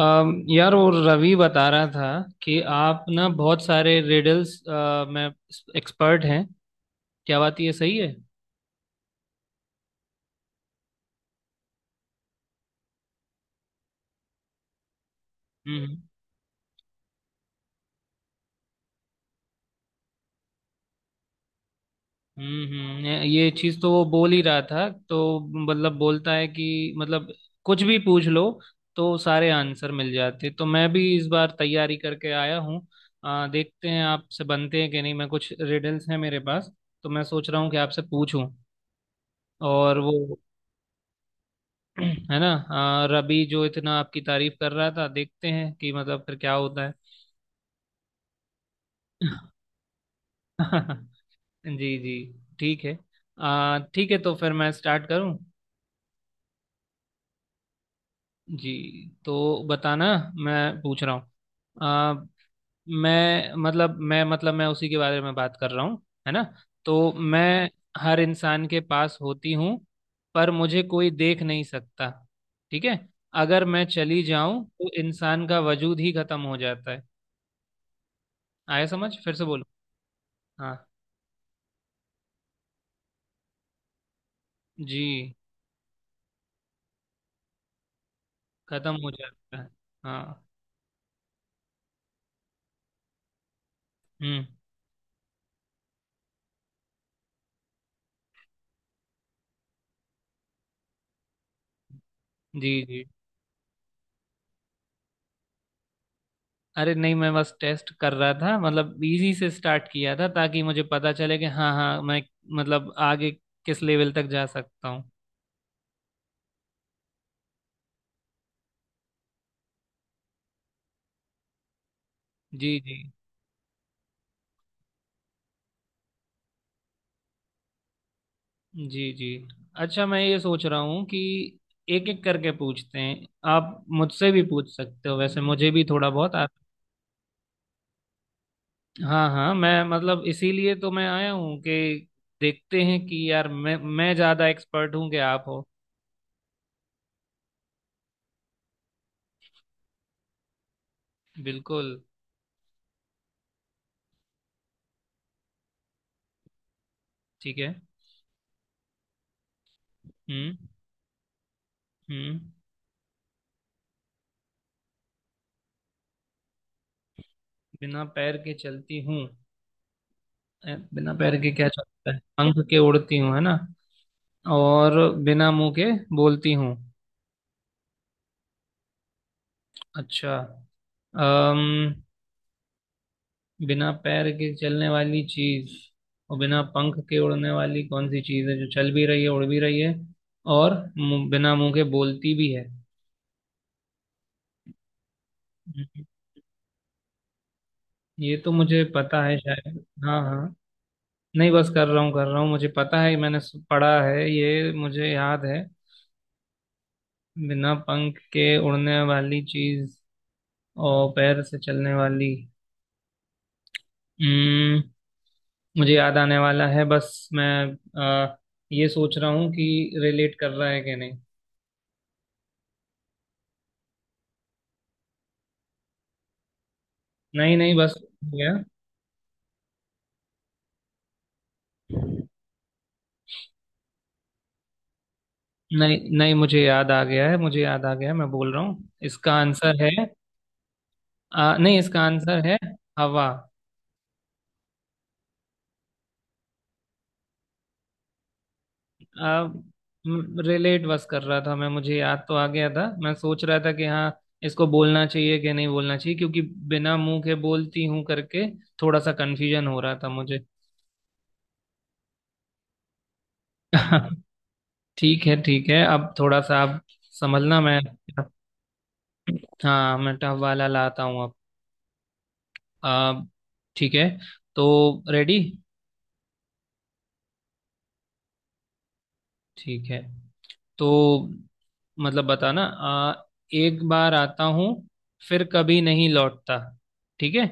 यार वो रवि बता रहा था कि आप ना बहुत सारे रिडल्स में एक्सपर्ट हैं। क्या बात, ये सही है? हम्म ये चीज तो वो बोल ही रहा था। तो मतलब बोलता है कि, मतलब कुछ भी पूछ लो तो सारे आंसर मिल जाते। तो मैं भी इस बार तैयारी करके आया हूँ। देखते हैं आपसे बनते हैं कि नहीं। मैं कुछ रिडल्स हैं मेरे पास, तो मैं सोच रहा हूँ कि आपसे पूछूं। और वो है ना। रबी जो इतना आपकी तारीफ कर रहा था, देखते हैं कि मतलब फिर क्या होता है। जी जी। ठीक है। ठीक है तो फिर मैं स्टार्ट करूं। जी। तो बताना, मैं पूछ रहा हूँ। आ, मैं मतलब मैं उसी के बारे में बात कर रहा हूँ है ना। तो मैं हर इंसान के पास होती हूँ, पर मुझे कोई देख नहीं सकता। ठीक है। अगर मैं चली जाऊं तो इंसान का वजूद ही खत्म हो जाता है। आया समझ? फिर से बोलो। हाँ। जी। खत्म हो जाता है। हाँ। हम्म। जी जी। अरे नहीं, मैं बस टेस्ट कर रहा था, मतलब इजी से स्टार्ट किया था ताकि मुझे पता चले कि हाँ हाँ मैं, मतलब आगे किस लेवल तक जा सकता हूँ। जी जी। जी जी। अच्छा, मैं ये सोच रहा हूँ कि एक एक करके पूछते हैं। आप मुझसे भी पूछ सकते हो, वैसे मुझे भी थोड़ा बहुत आता। हाँ हाँ, मैं मतलब इसीलिए तो मैं आया हूँ कि देखते हैं कि यार मैं ज़्यादा एक्सपर्ट हूँ कि आप हो। बिल्कुल। ठीक है। हम्म हम्म। बिना पैर के चलती हूँ। बिना पैर के क्या चलता है, पंख के उड़ती हूँ है ना। और बिना मुंह के बोलती हूँ। अच्छा। अम बिना पैर के चलने वाली चीज और बिना पंख के उड़ने वाली, कौन सी चीज है जो चल भी रही है उड़ भी रही है और बिना मुंह के बोलती भी है। हम्म, ये तो मुझे पता है शायद। हाँ हाँ। नहीं बस कर रहा हूँ कर रहा हूँ, मुझे पता है, मैंने पढ़ा है ये, मुझे याद है। बिना पंख के उड़ने वाली चीज और पैर से चलने वाली। हम्म। मुझे याद आने वाला है बस मैं आ, ये सोच रहा हूँ कि रिलेट कर रहा है कि नहीं। नहीं नहीं, बस हो गया। नहीं नहीं, मुझे याद आ गया है, मुझे याद आ गया है, मैं बोल रहा हूँ इसका आंसर है। नहीं, इसका आंसर है हवा। रिलेट बस कर रहा था मैं, मुझे याद तो आ गया था, मैं सोच रहा था कि हाँ इसको बोलना चाहिए कि नहीं बोलना चाहिए, क्योंकि बिना मुंह के बोलती हूँ करके थोड़ा सा कंफ्यूजन हो रहा था मुझे। ठीक है ठीक है। अब थोड़ा सा आप समझना मैं। हाँ मैं टफ वाला लाता हूँ अब। अब ठीक है, तो रेडी? ठीक है। तो मतलब बताना, एक बार आता हूँ फिर कभी नहीं लौटता। ठीक है।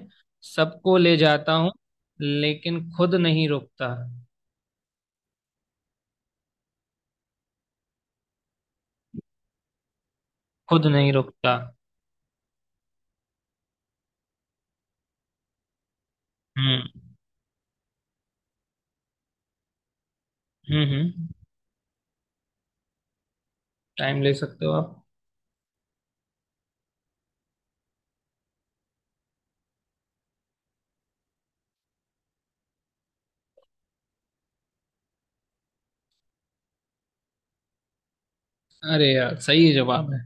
सबको ले जाता हूँ लेकिन खुद नहीं रुकता। खुद नहीं रुकता। हम्म हम्म। टाइम ले सकते हो आप। अरे यार सही जवाब है।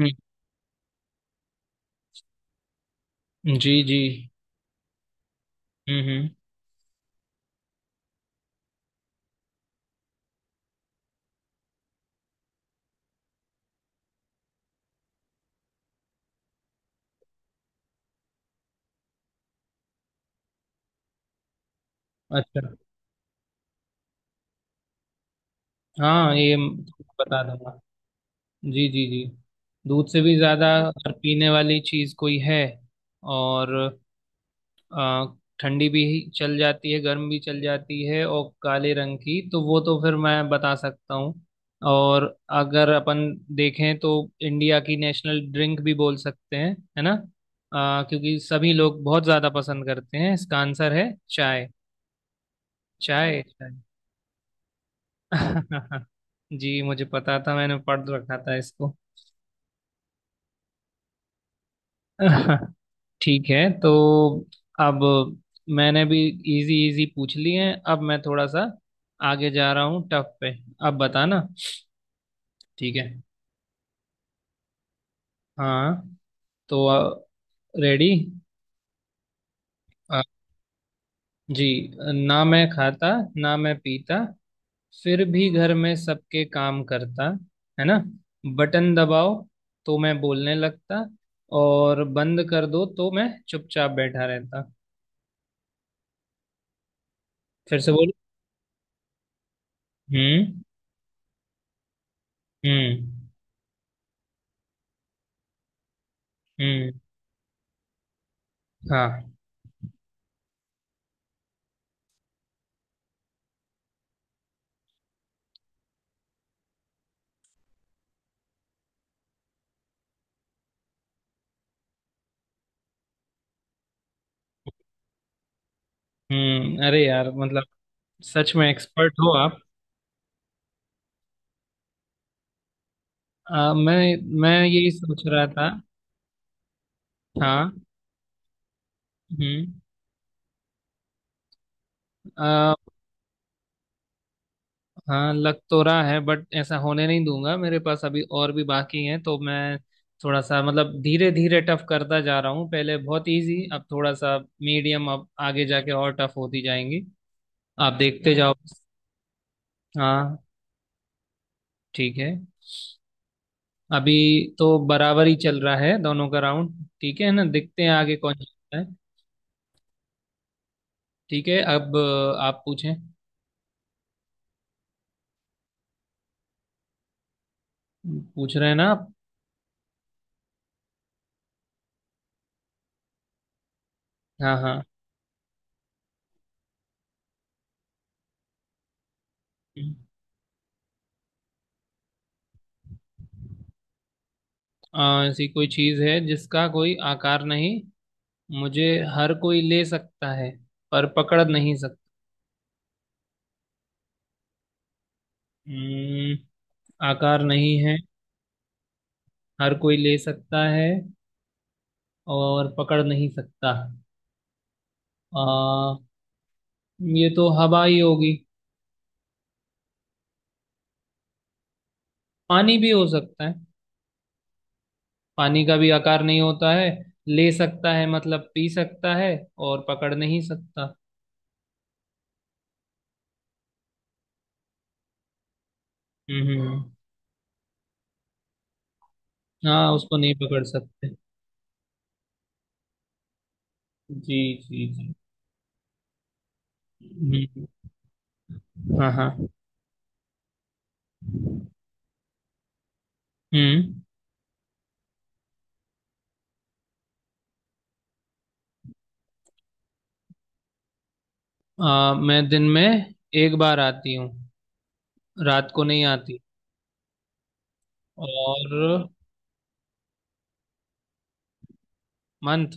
हम्म, जी जी। हम्म। अच्छा, हाँ, ये बता दूंगा। जी जी जी। दूध से भी ज्यादा पीने वाली चीज कोई है, और आ, ठंडी भी चल जाती है गर्म भी चल जाती है, और काले रंग की, तो वो तो फिर मैं बता सकता हूँ। और अगर अपन देखें तो इंडिया की नेशनल ड्रिंक भी बोल सकते हैं, है ना। क्योंकि सभी लोग बहुत ज़्यादा पसंद करते हैं, इसका आंसर है चाय। चाय चाय। जी मुझे पता था, मैंने पढ़ रखा था इसको। ठीक है। तो अब मैंने भी इजी इजी पूछ लिए हैं, अब मैं थोड़ा सा आगे जा रहा हूँ टफ पे। अब बताना। ठीक है। हाँ, तो रेडी? जी। ना मैं खाता ना मैं पीता, फिर भी घर में सबके काम करता, है ना। बटन दबाओ तो मैं बोलने लगता, और बंद कर दो तो मैं चुपचाप बैठा रहता। फिर से बोलो। हम्म हम्म हम्म। हाँ। हम्म। अरे यार मतलब सच में एक्सपर्ट हो आप। आ, मैं मैं यही सोच रहा था। हाँ। हम्म। आ, हाँ लग तो रहा है, बट ऐसा होने नहीं दूंगा, मेरे पास अभी और भी बाकी हैं, तो मैं थोड़ा सा मतलब धीरे धीरे टफ करता जा रहा हूँ, पहले बहुत इजी अब थोड़ा सा मीडियम, अब आगे जाके और टफ होती जाएंगी। आप देखते जाओ। हाँ ठीक है। अभी तो बराबर ही चल रहा है दोनों का राउंड, ठीक है ना, देखते हैं आगे कौन जीतता है। ठीक है। अब आप पूछें। पूछ रहे हैं ना आप? हाँ हाँ। ऐसी कोई चीज है जिसका कोई आकार नहीं, मुझे हर कोई ले सकता है पर पकड़ नहीं सकता। हम्म, आकार नहीं है, हर कोई ले सकता है और पकड़ नहीं सकता। आ, ये तो हवा ही होगी। पानी भी हो सकता है, पानी का भी आकार नहीं होता है, ले सकता है मतलब पी सकता है और पकड़ नहीं सकता। हम्म हम्म, हाँ उसको नहीं पकड़ सकते। जी जी जी। हाँ हाँ। हम्म। मैं दिन में एक बार आती हूँ, रात को नहीं आती, और मंथ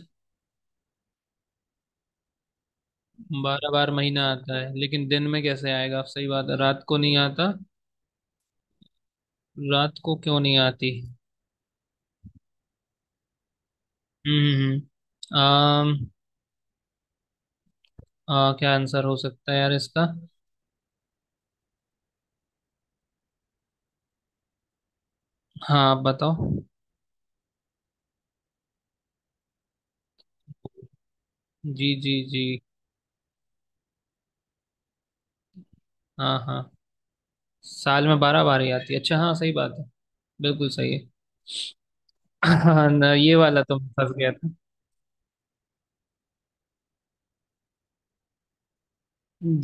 12 बार, महीना आता है लेकिन दिन में कैसे आएगा आप, सही बात है, रात को नहीं आता, रात को क्यों नहीं आती? आम। क्या आंसर हो सकता है यार इसका? हाँ आप बताओ। जी जी जी। हाँ हाँ, साल में 12 बार ही आती है, अच्छा हाँ सही बात है, बिल्कुल सही है। हाँ ना, ये वाला तो मैं फंस गया।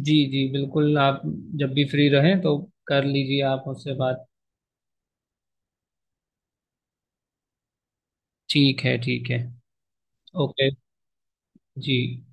जी जी, बिल्कुल, आप जब भी फ्री रहें तो कर लीजिए आप उससे बात। ठीक है ठीक है। ओके। जी।